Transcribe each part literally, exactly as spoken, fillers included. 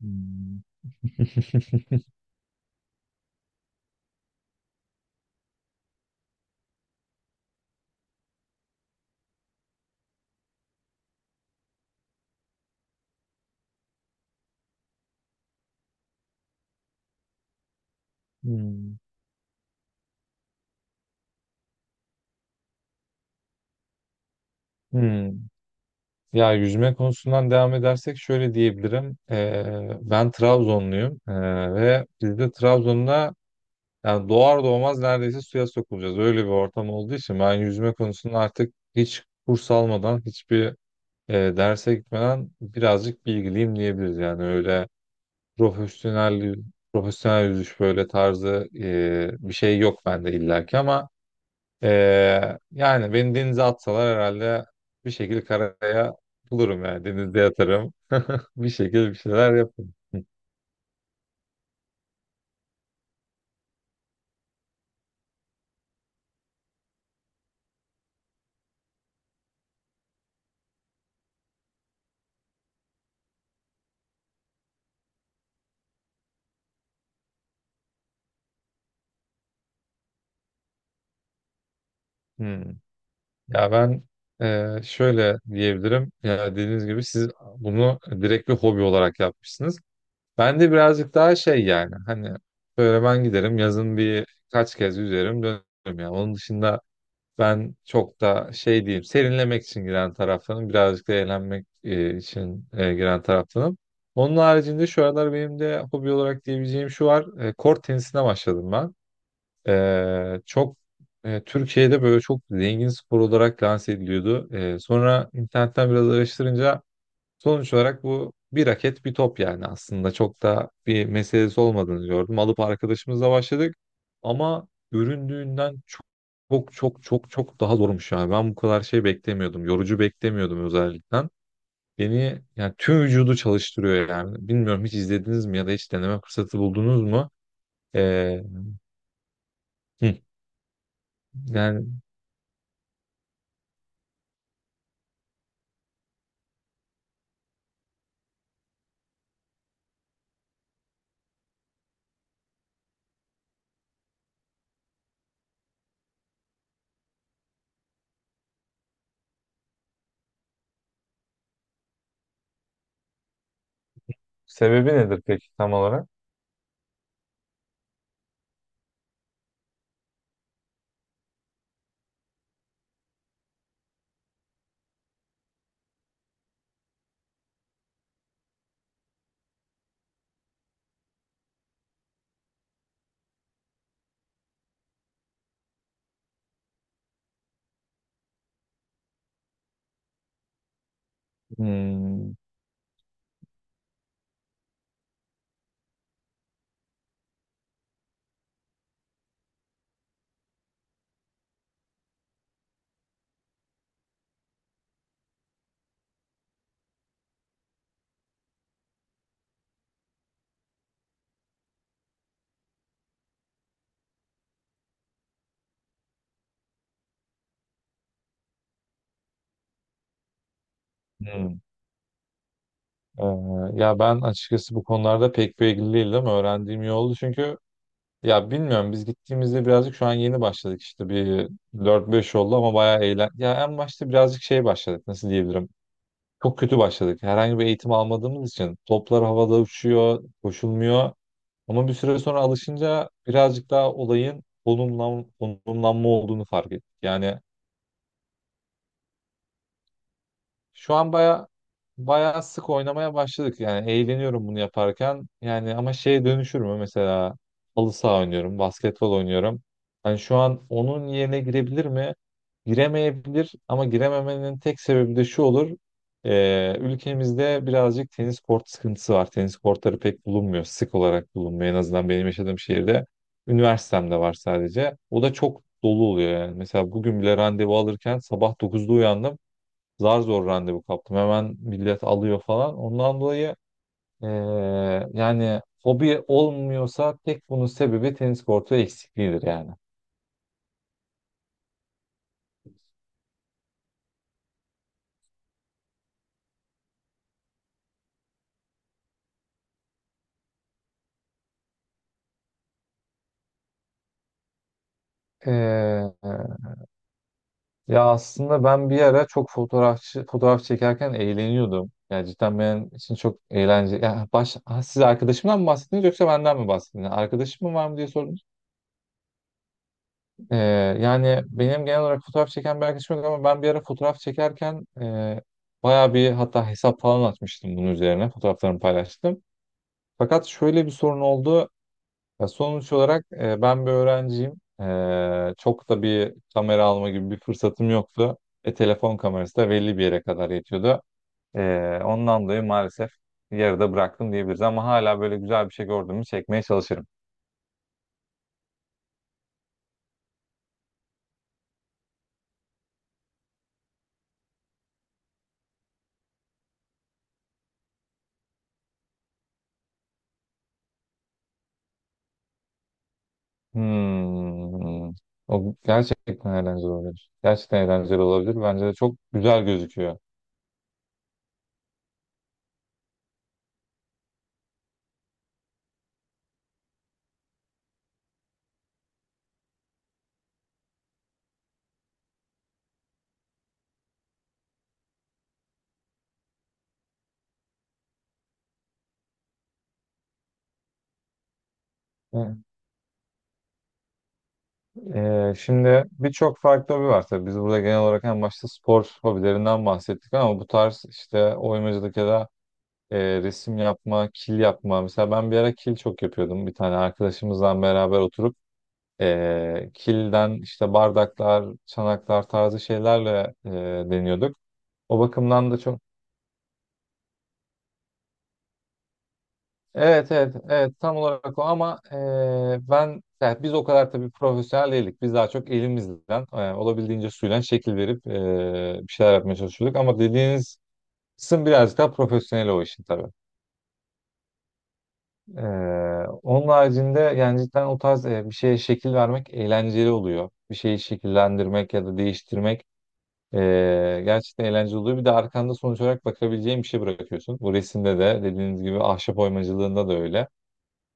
Hmm. Hmm. Hmm. Ya yüzme konusundan devam edersek şöyle diyebilirim. Ee, ben Trabzonluyum Ee, ve biz de Trabzon'da yani doğar doğmaz neredeyse suya sokulacağız. Öyle bir ortam olduğu için ben yüzme konusunda artık hiç kurs almadan, hiçbir e, derse gitmeden birazcık bilgiliyim diyebiliriz. Yani öyle profesyonel profesyonel yüzüş böyle tarzı e, bir şey yok bende illaki ama Ee, yani beni denize atsalar herhalde bir şekilde karaya bulurum yani. Denizde yatarım. Bir şekilde bir şeyler yaparım. Hmm. Ya ben e, şöyle diyebilirim. Ya dediğiniz gibi siz bunu direkt bir hobi olarak yapmışsınız. Ben de birazcık daha şey yani hani böyle ben giderim yazın bir kaç kez yüzerim dönerim ya. Onun dışında ben çok da şey diyeyim, serinlemek için giren taraftanım. Birazcık da eğlenmek e, için e, giren taraftanım. Onun haricinde şu aralar benim de hobi olarak diyebileceğim şu var. E, kort tenisine başladım ben. E, çok e, Türkiye'de böyle çok zengin spor olarak lanse ediliyordu. E, sonra internetten biraz araştırınca sonuç olarak bu bir raket bir top yani aslında çok da bir meselesi olmadığını gördüm. Alıp arkadaşımızla başladık ama göründüğünden çok çok çok çok çok daha zormuş yani. Ben bu kadar şey beklemiyordum. Yorucu beklemiyordum özellikle. Beni yani tüm vücudu çalıştırıyor yani. Bilmiyorum hiç izlediniz mi ya da hiç deneme fırsatı buldunuz mu? Ee, hı, yani sebebi nedir peki tam olarak? Hmm. Hmm. Ee, ya ben açıkçası bu konularda pek bilgili değilim. Öğrendiğim iyi oldu çünkü ya bilmiyorum, biz gittiğimizde birazcık şu an yeni başladık, işte bir dört beş oldu ama bayağı eğlen. Ya en başta birazcık şey başladık, nasıl diyebilirim. Çok kötü başladık. Herhangi bir eğitim almadığımız için toplar havada uçuyor, koşulmuyor. Ama bir süre sonra alışınca birazcık daha olayın konumlan, konumlanma olduğunu fark ettik. Yani şu an baya baya sık oynamaya başladık yani, eğleniyorum bunu yaparken yani. Ama şeye dönüşür mü mesela, halı saha oynuyorum, basketbol oynuyorum, hani şu an onun yerine girebilir mi giremeyebilir. Ama girememenin tek sebebi de şu olur: Ee, ülkemizde birazcık tenis kort sıkıntısı var, tenis kortları pek bulunmuyor, sık olarak bulunmuyor en azından benim yaşadığım şehirde. Üniversitemde var sadece, o da çok dolu oluyor yani. Mesela bugün bile randevu alırken sabah dokuzda uyandım, zar zor randevu kaptım. Hemen millet alıyor falan. Ondan dolayı eee, yani hobi olmuyorsa tek bunun sebebi tenis kortu eksikliğidir yani. Eee, ya aslında ben bir ara çok fotoğrafçı fotoğraf çekerken eğleniyordum. Yani cidden benim için çok eğlenceli. Ya baş, ha, siz arkadaşımdan mı bahsettiniz yoksa benden mi bahsettiniz? Arkadaşım mı var mı diye sordum. Ee, yani benim genel olarak fotoğraf çeken bir arkadaşım yok ama ben bir ara fotoğraf çekerken e, bayağı bir, hatta hesap falan açmıştım bunun üzerine. Fotoğraflarımı paylaştım. Fakat şöyle bir sorun oldu. Ya sonuç olarak e, ben bir öğrenciyim. E, çok da bir kamera alma gibi bir fırsatım yoktu. E, telefon kamerası da belli bir yere kadar yetiyordu. E, ondan dolayı maalesef yarıda bıraktım diyebiliriz ama hala böyle güzel bir şey gördüğümü çekmeye çalışırım. Hmm. O gerçekten eğlenceli olabilir. Gerçekten eğlenceli olabilir. Bence de çok güzel gözüküyor. Hı. Ee, şimdi birçok farklı hobi var tabii. Biz burada genel olarak en başta spor hobilerinden bahsettik ama bu tarz işte oymacılık ya da e, resim yapma, kil yapma. Mesela ben bir ara kil çok yapıyordum. Bir tane arkadaşımızla beraber oturup e, kilden işte bardaklar, çanaklar tarzı şeylerle e, deniyorduk. O bakımdan da çok. Evet, evet, evet, tam olarak o ama eee, ben yani biz o kadar tabii profesyonel değildik. Biz daha çok elimizden e, olabildiğince suyla şekil verip eee, bir şeyler yapmaya çalışıyorduk. Ama dediğiniz kısım birazcık daha profesyonel o işin tabii. Eee, onun haricinde yani cidden o tarz e, bir şeye şekil vermek eğlenceli oluyor. Bir şeyi şekillendirmek ya da değiştirmek eee, gerçekten eğlenceli oluyor. Bir de arkanda sonuç olarak bakabileceğin bir şey bırakıyorsun. Bu resimde de dediğiniz gibi ahşap oymacılığında da öyle.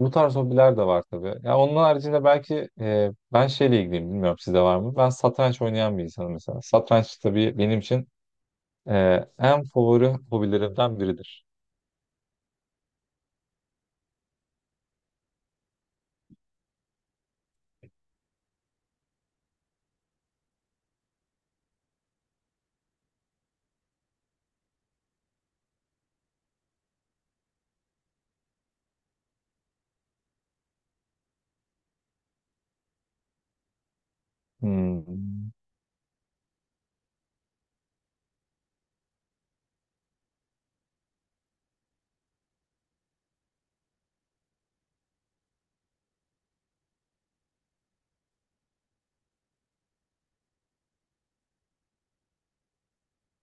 Bu tarz hobiler de var tabii. Ya onun haricinde belki e, ben şeyle ilgiliyim, bilmiyorum sizde var mı? Ben satranç oynayan bir insanım mesela. Satranç tabii benim için e, en favori hobilerimden biridir. Hmm.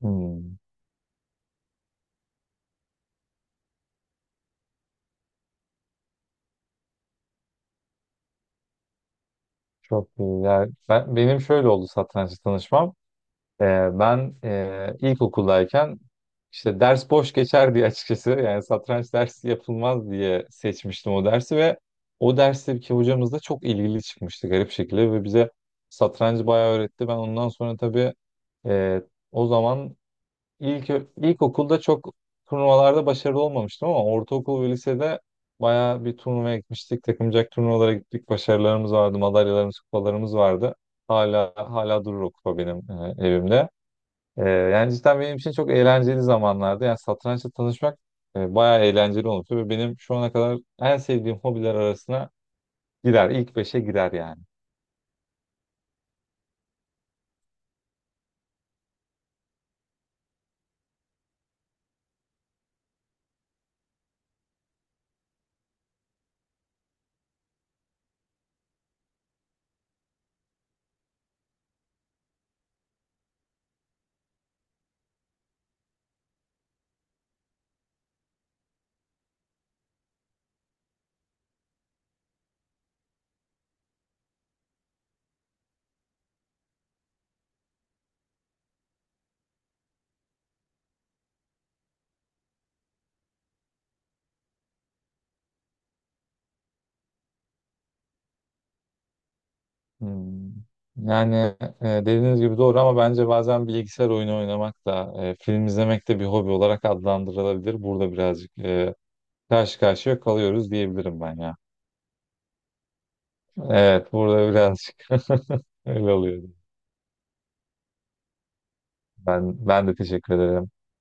Hmm. Çok iyi. Yani ben, benim şöyle oldu satrançla tanışmam. Ee, ben e, ilkokuldayken işte ders boş geçer diye, açıkçası yani satranç dersi yapılmaz diye seçmiştim o dersi ve o dersteki hocamız da çok ilgili çıkmıştı garip şekilde ve bize satrancı bayağı öğretti. Ben ondan sonra tabii e, o zaman ilk ilkokulda çok turnuvalarda başarılı olmamıştım ama ortaokul ve lisede bayağı bir turnuvaya gitmiştik. Takımcak turnuvalara gittik. Başarılarımız vardı, madalyalarımız, kupalarımız vardı. Hala hala durur o kupa benim e, evimde. Ee, yani cidden benim için çok eğlenceli zamanlardı. Yani satrançla tanışmak e, bayağı eğlenceli olmuştu ve benim şu ana kadar en sevdiğim hobiler arasına girer. İlk beşe girer yani. Hmm. Yani e, dediğiniz gibi doğru ama bence bazen bilgisayar oyunu oynamak da e, film izlemek de bir hobi olarak adlandırılabilir. Burada birazcık e, karşı karşıya kalıyoruz diyebilirim ben ya. Evet, burada birazcık öyle oluyor. Ben ben de teşekkür ederim.